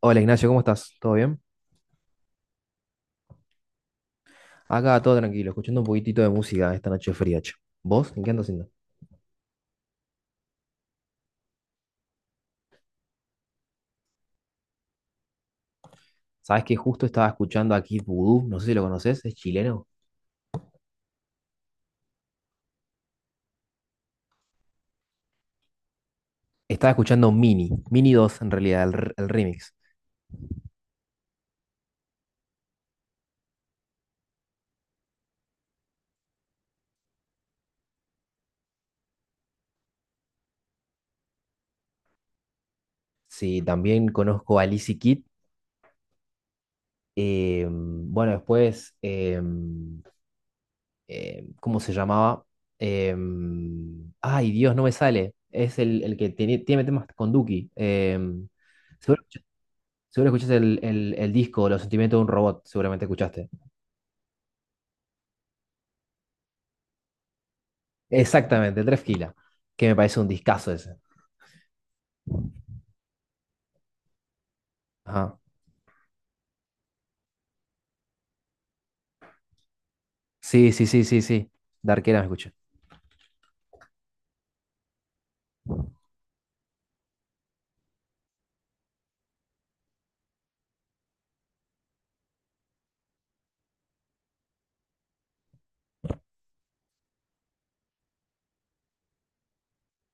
Hola Ignacio, ¿cómo estás? ¿Todo bien? Acá todo tranquilo, escuchando un poquitito de música esta noche fría, che. ¿Vos? ¿En qué andas haciendo? Sabés que justo estaba escuchando aquí Voodoo, no sé si lo conoces, es chileno. Estaba escuchando Mini dos en realidad, el remix. Sí, también conozco a Lizzy Kid. Bueno, después, ¿cómo se llamaba? Eh, Ay, Dios, no me sale. Es el que tiene temas con Duki. Seguro escuchaste el disco Los sentimientos de un robot, seguramente escuchaste. Exactamente, Tres Kila, que me parece un discazo ese. Ajá. Sí, sí, sí, sí, sí. De arquera me escuché.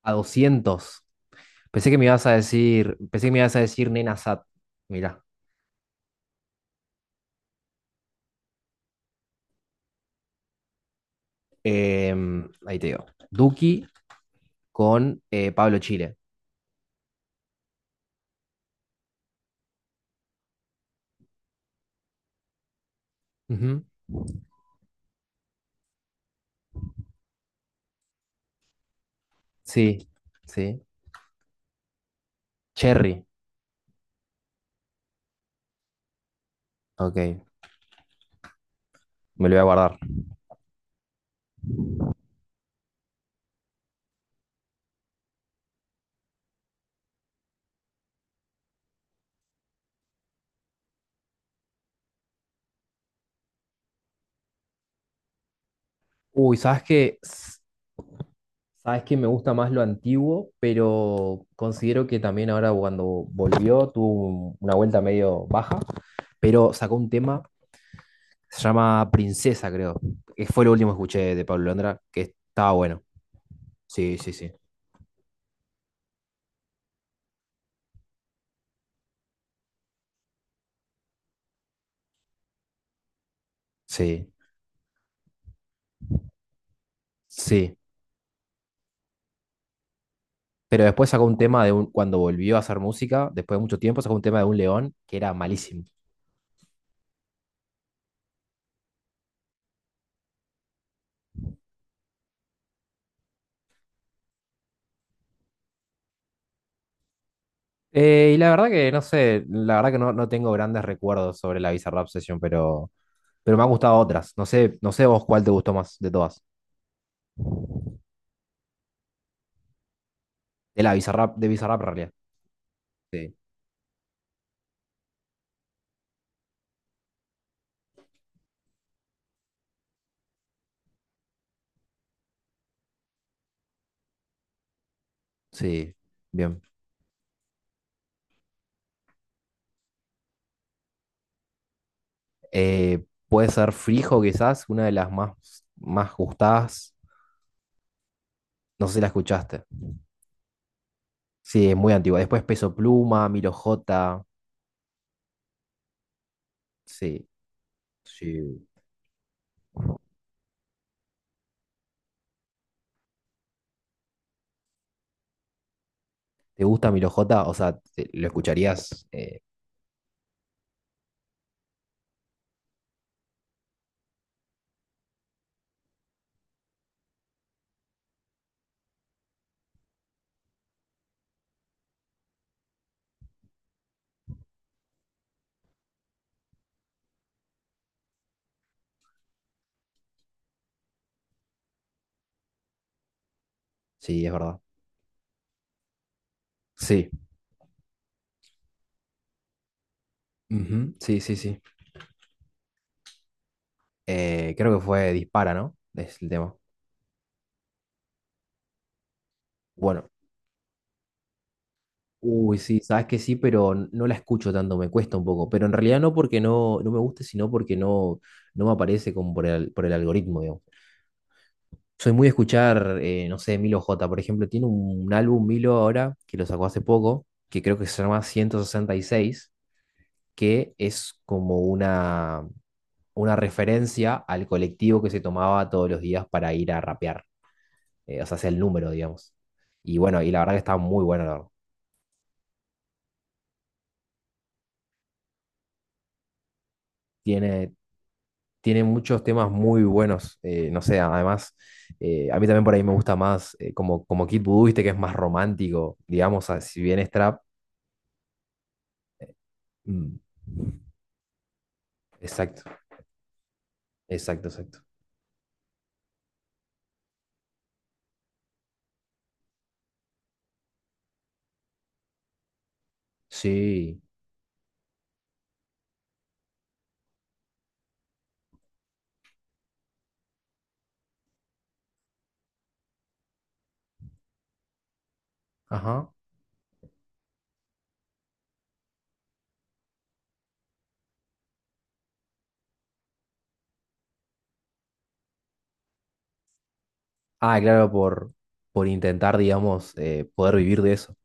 A doscientos. Pensé que me ibas a decir, pensé que me ibas a decir Nena Sat. Mirá. Ahí te digo. Duki con Pablo Chile. Ujú. Sí, sí. Cherry. Ok, me lo voy a guardar. Uy, ¿sabes qué? Sabes que me gusta más lo antiguo, pero considero que también ahora cuando volvió tuvo una vuelta medio baja, pero sacó un tema, se llama Princesa, creo. Que fue lo último que escuché de Pablo Londra, que estaba bueno. Sí, sí, sí. Sí, sí. Pero después sacó un tema de un, cuando volvió a hacer música, después de mucho tiempo, sacó un tema de un león que era malísimo. Y la verdad que no sé, la verdad que no, no tengo grandes recuerdos sobre la Bizarrap Session, pero me han gustado otras. No sé, no sé vos cuál te gustó más de todas. De la Bizarrap, de Bizarrap en realidad. Sí, sí, bien. Puede ser Frijo, quizás, una de las más, más gustadas. No sé si la escuchaste. Sí, es muy antigua. Después Peso Pluma, Milo J. Sí. Sí. ¿Te gusta Milo J? O sea, ¿lo escucharías? Sí, es verdad. Sí. Ujú. Sí, sí, sí. Creo que fue Dispara, ¿no? Es el tema. Bueno, uy, sí, sabes que sí, pero no la escucho tanto, me cuesta un poco. Pero en realidad no porque no, no me guste, sino porque no no me aparece como por por el algoritmo, digamos. Soy muy de escuchar, no sé, Milo J, por ejemplo, tiene un álbum Milo ahora, que lo sacó hace poco, que creo que se llama 166, que es como una referencia al colectivo que se tomaba todos los días para ir a rapear. O sea, es el número, digamos. Y bueno, y la verdad que está muy bueno, la verdad. Tiene, tiene muchos temas muy buenos. No sé, además, a mí también por ahí me gusta más como Kid Voodoo, viste, que es más romántico, digamos, si bien es trap. mm, Exacto, exacto, exacto. Sí, ajá. Ah, claro, por intentar, digamos, poder vivir de eso.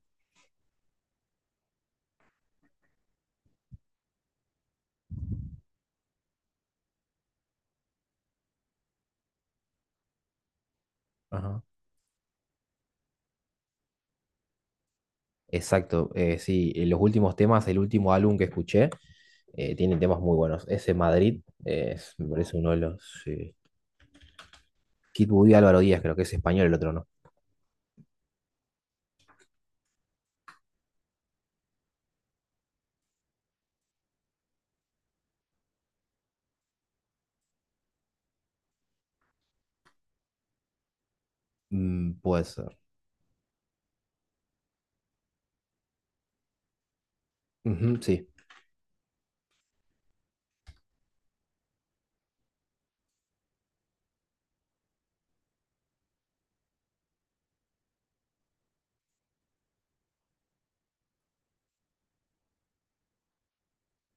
Ajá. Exacto, sí, en los últimos temas, el último álbum que escuché, tiene temas muy buenos. Ese Madrid, me parece uno de los... sí. Kid Voodoo y Álvaro Díaz, creo que es español el otro, ¿no? Mm, puede ser. Ujú, sí.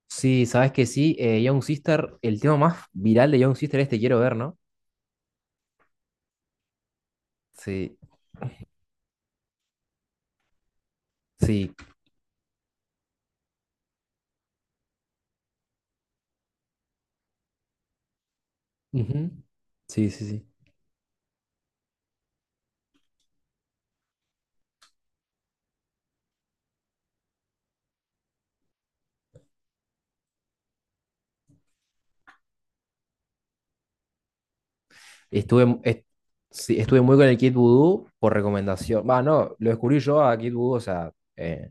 Sí, sabes que sí, Young Sister, el tema más viral de Young Sister es Te quiero ver, ¿no? Sí, sí. Ujú. Sí, sí, sí. Estuve, mu- est- sí, estuve muy con el Kid Voodoo por recomendación. Va, no, lo descubrí yo a Kid Voodoo, o sea,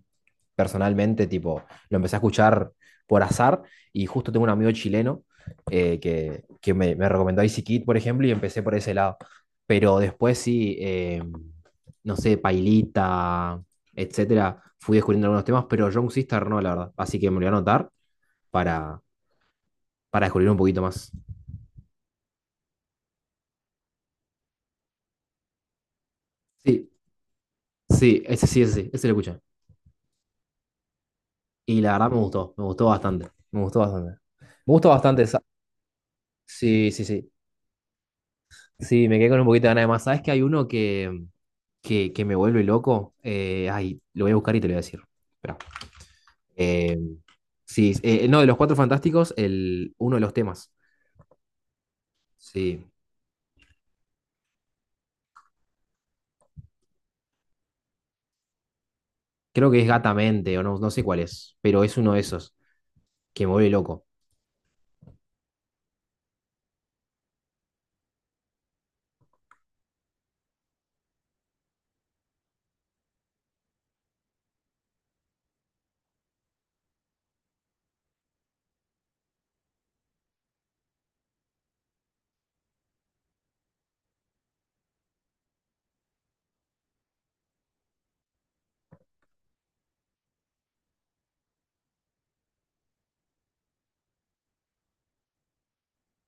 personalmente, tipo, lo empecé a escuchar por azar y justo tengo un amigo chileno que me recomendó Easy Kid, por ejemplo, y empecé por ese lado. Pero después sí, no sé, Pailita, etcétera, fui descubriendo algunos temas, pero Young Sister no, la verdad. Así que me lo voy a anotar para, para descubrir un poquito más. Sí, sí, ese sí, ese sí, ese lo escuché. Y la verdad me gustó bastante, me gustó bastante. Me gustó bastante esa. Sí, sí, sí. Sí, me quedé con un poquito de ganas de más. ¿Sabes que hay uno que, que me vuelve loco? Ay, lo voy a buscar y te lo voy a decir. Esperá. Eh, sí, no, de los Cuatro Fantásticos, el, uno de los temas. Sí, creo que es Gatamente o no, no sé cuál es, pero es uno de esos que me vuelve loco.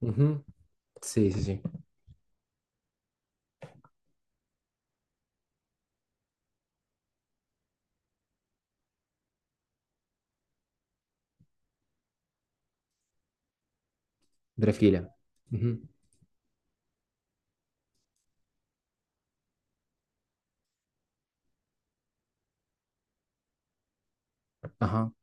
Ujú. Sí, sí, sí. Drefkila. Ujú. Ajá.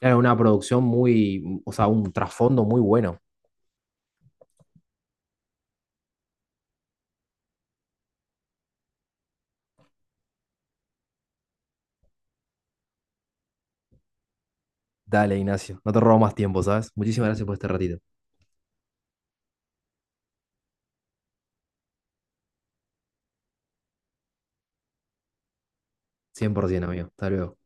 Era una producción muy, o sea, un trasfondo muy bueno. Dale, Ignacio, no te robo más tiempo, ¿sabes? Muchísimas gracias por este ratito. 100%, amigo. Hasta luego.